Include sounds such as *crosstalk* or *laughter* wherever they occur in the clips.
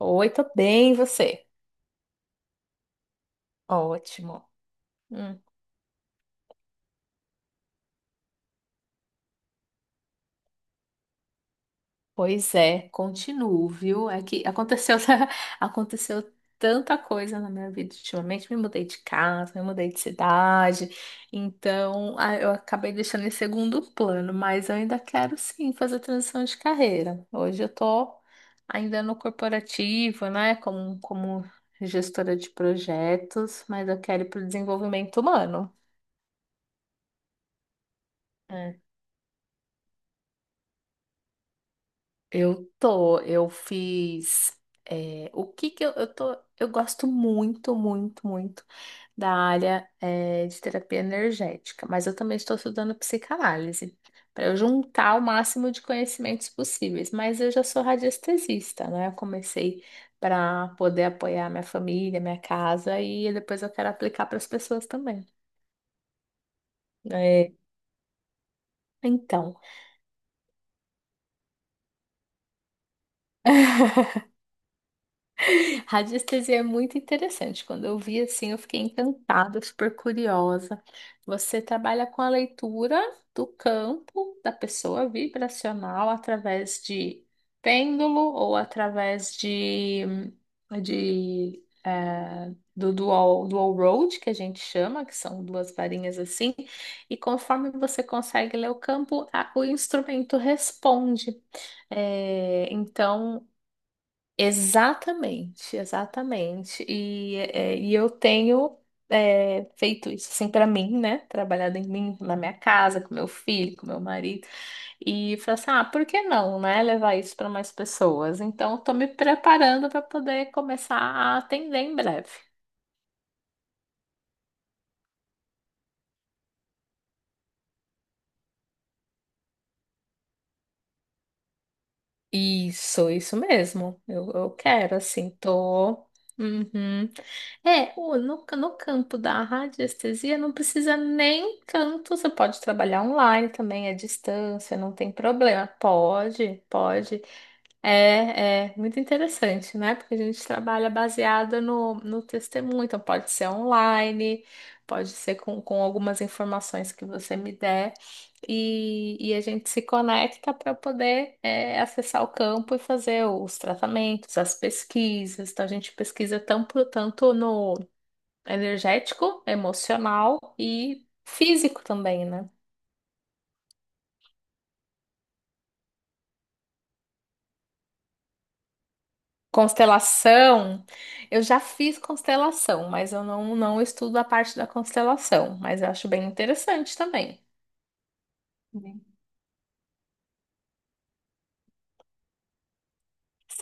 Oi, tô bem, e você? Ótimo. Hum, pois é, continuo, viu? É que aconteceu, *laughs* aconteceu tanta coisa na minha vida ultimamente. Me mudei de casa, me mudei de cidade, então eu acabei deixando em segundo plano, mas eu ainda quero sim fazer transição de carreira. Hoje eu tô ainda no corporativo, né? Como gestora de projetos, mas eu quero ir para o desenvolvimento humano. Eu fiz. O que que eu tô. Eu gosto muito, muito, muito da área, de terapia energética, mas eu também estou estudando psicanálise, para eu juntar o máximo de conhecimentos possíveis. Mas eu já sou radiestesista, né? Eu comecei para poder apoiar minha família, minha casa, e depois eu quero aplicar para as pessoas também. É, então. *laughs* *laughs* Radiestesia é muito interessante. Quando eu vi assim, eu fiquei encantada, super curiosa. Você trabalha com a leitura do campo da pessoa vibracional através de pêndulo ou através do dual, dual road, que a gente chama, que são duas varinhas assim, e conforme você consegue ler o campo, o instrumento responde. É, então, exatamente, exatamente. E eu tenho feito isso assim para mim, né? Trabalhado em mim, na minha casa, com meu filho, com meu marido. E falei assim: ah, por que não, né? Levar isso para mais pessoas. Então, estou me preparando para poder começar a atender em breve. Isso mesmo. Eu quero, assim, tô. Uhum. É, no campo da radiestesia não precisa nem tanto. Você pode trabalhar online também, à distância, não tem problema. Pode, pode. É, é muito interessante, né? Porque a gente trabalha baseada no testemunho, então pode ser online, pode ser com algumas informações que você me der, e a gente se conecta para poder acessar o campo e fazer os tratamentos, as pesquisas. Então a gente pesquisa tanto, tanto no energético, emocional e físico também, né? Constelação, eu já fiz constelação, mas eu não estudo a parte da constelação, mas eu acho bem interessante também. Sim.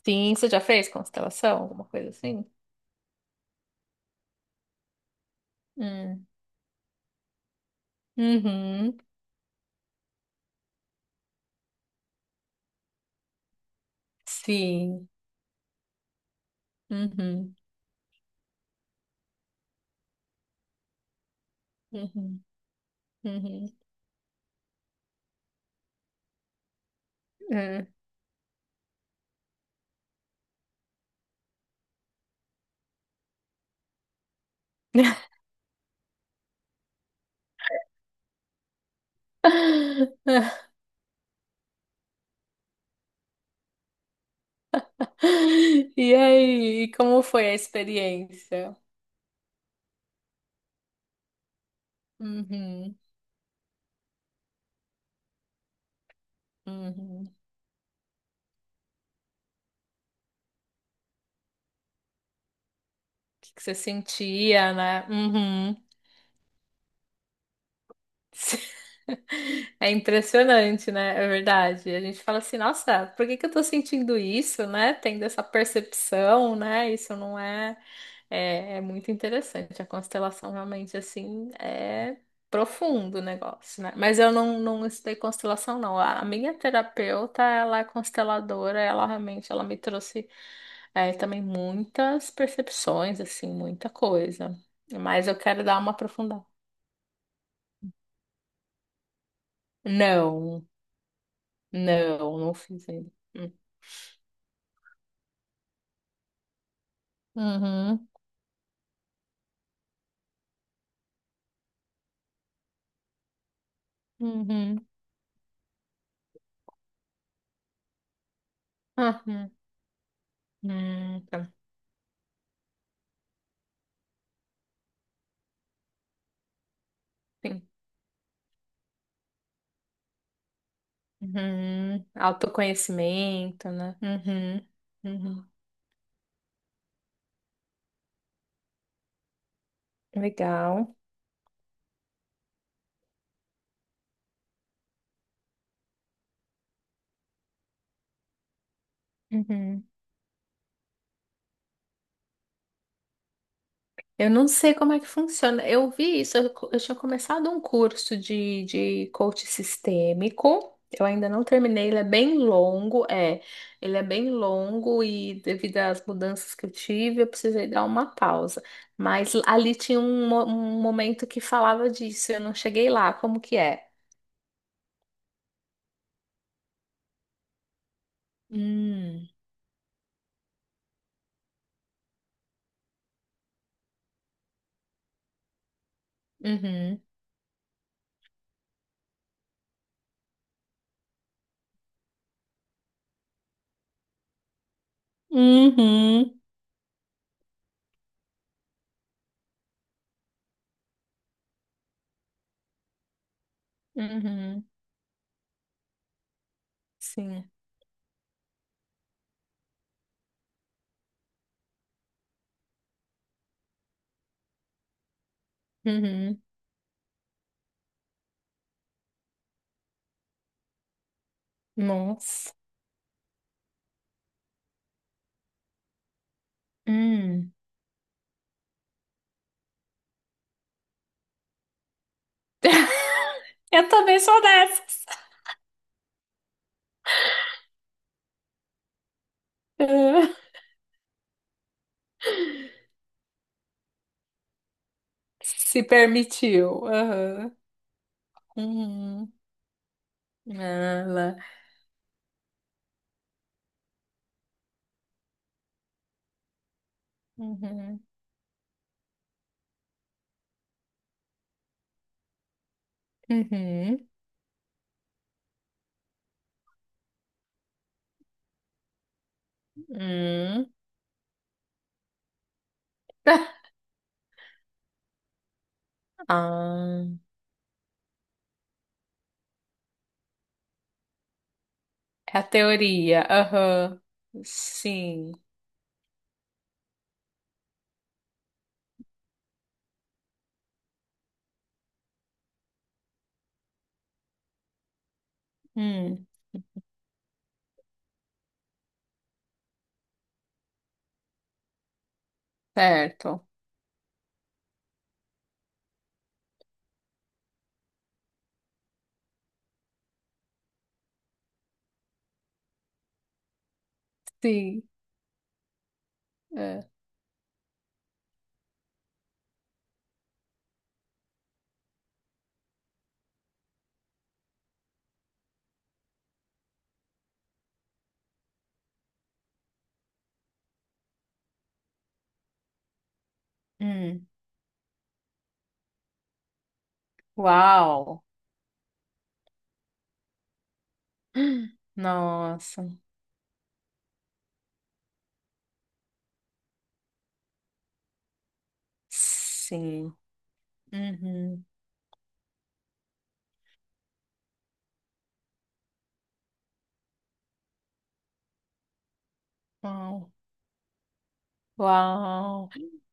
Sim, você já fez constelação? Alguma coisa assim? Hum. Uhum. Sim. Uhum. Uhum. Uhum. Hum. *laughs* E aí, como foi a experiência? Uhum. Uhum. O que que você sentia, né? Uhum. *laughs* É impressionante, né? É verdade. A gente fala assim, nossa, por que que eu tô sentindo isso, né? Tendo essa percepção, né? Isso não é... É, é muito interessante. A constelação realmente, assim, é profundo o negócio, né? Mas eu não estudei constelação, não. A minha terapeuta, ela é consteladora, ela realmente, ela me trouxe também muitas percepções, assim, muita coisa. Mas eu quero dar uma aprofundada. Não, não fiz ainda. Hum. Uhum, uhum. Ah, tá. Sim. Uhum. Autoconhecimento, né? Uhum, uhum. Legal. Uhum. Eu não sei como é que funciona. Eu vi isso, eu tinha começado um curso de coach sistêmico. Eu ainda não terminei, ele é bem longo, é. Ele é bem longo e devido às mudanças que eu tive, eu precisei dar uma pausa. Mas ali tinha um momento que falava disso, eu não cheguei lá, como que é? Hum, uhum, uhum, uhum, sim, uhum, nossa, hum. *laughs* Eu também sou dessa. Ah, se permitiu. Aham. Uhum. Ah, lá. Uhum. Uhum. *laughs* Hum. Ah, é a teoria. Aham. Sim. Hum. Certo. Sim. É. Hum. Uau. Nossa. Sim. Uhum. Uau. Uau.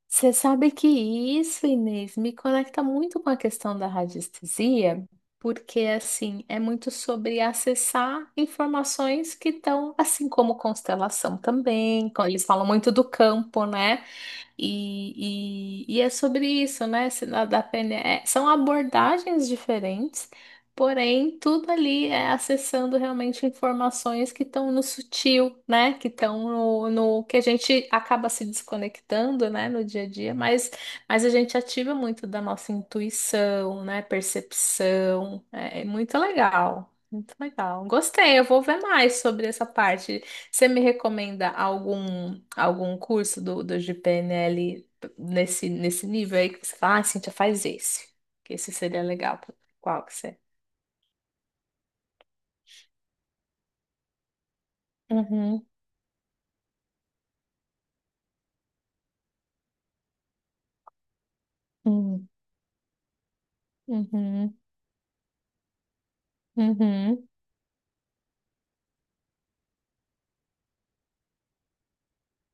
Você sabe que isso, Inês, me conecta muito com a questão da radiestesia, porque assim, é muito sobre acessar informações que estão, assim como constelação também, eles falam muito do campo, né? E é sobre isso, né? Se na- Da PNE, é, são abordagens diferentes, porém, tudo ali é acessando realmente informações que estão no sutil, né? Que estão no que a gente acaba se desconectando, né? No dia a dia, mas a gente ativa muito da nossa intuição, né? Percepção. É, é muito legal, muito legal. Gostei, eu vou ver mais sobre essa parte. Você me recomenda algum curso do, do de PNL nesse, nesse nível aí que você fala, ah, Cíntia, faz esse, que esse seria legal. Qual que você? Uhum, uhum, uhum, uhum.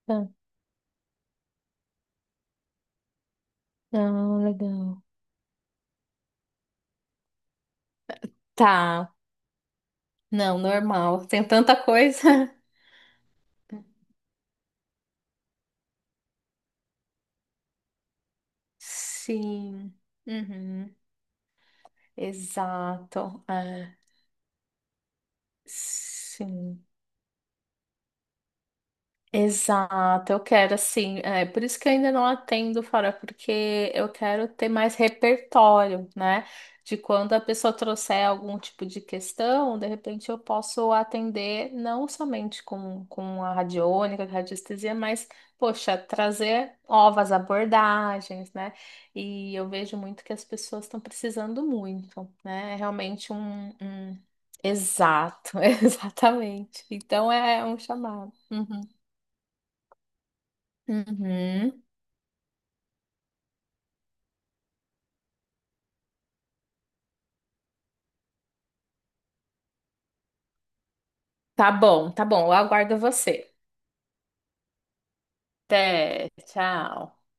Tá, ah, legal. Tá, não, normal. Tem tanta coisa. *laughs* Sim. Uhum. Exato. É. Sim. Exato, eu quero assim, é por isso que eu ainda não atendo fora, porque eu quero ter mais repertório, né? De quando a pessoa trouxer algum tipo de questão, de repente eu posso atender não somente com a radiônica, com a radiestesia, mas, poxa, trazer novas abordagens, né? E eu vejo muito que as pessoas estão precisando muito, né? É realmente um... um- exato, *laughs* exatamente. Então é é um chamado. Uhum. Uhum. Tá bom, tá bom. Eu aguardo você. Até, tchau.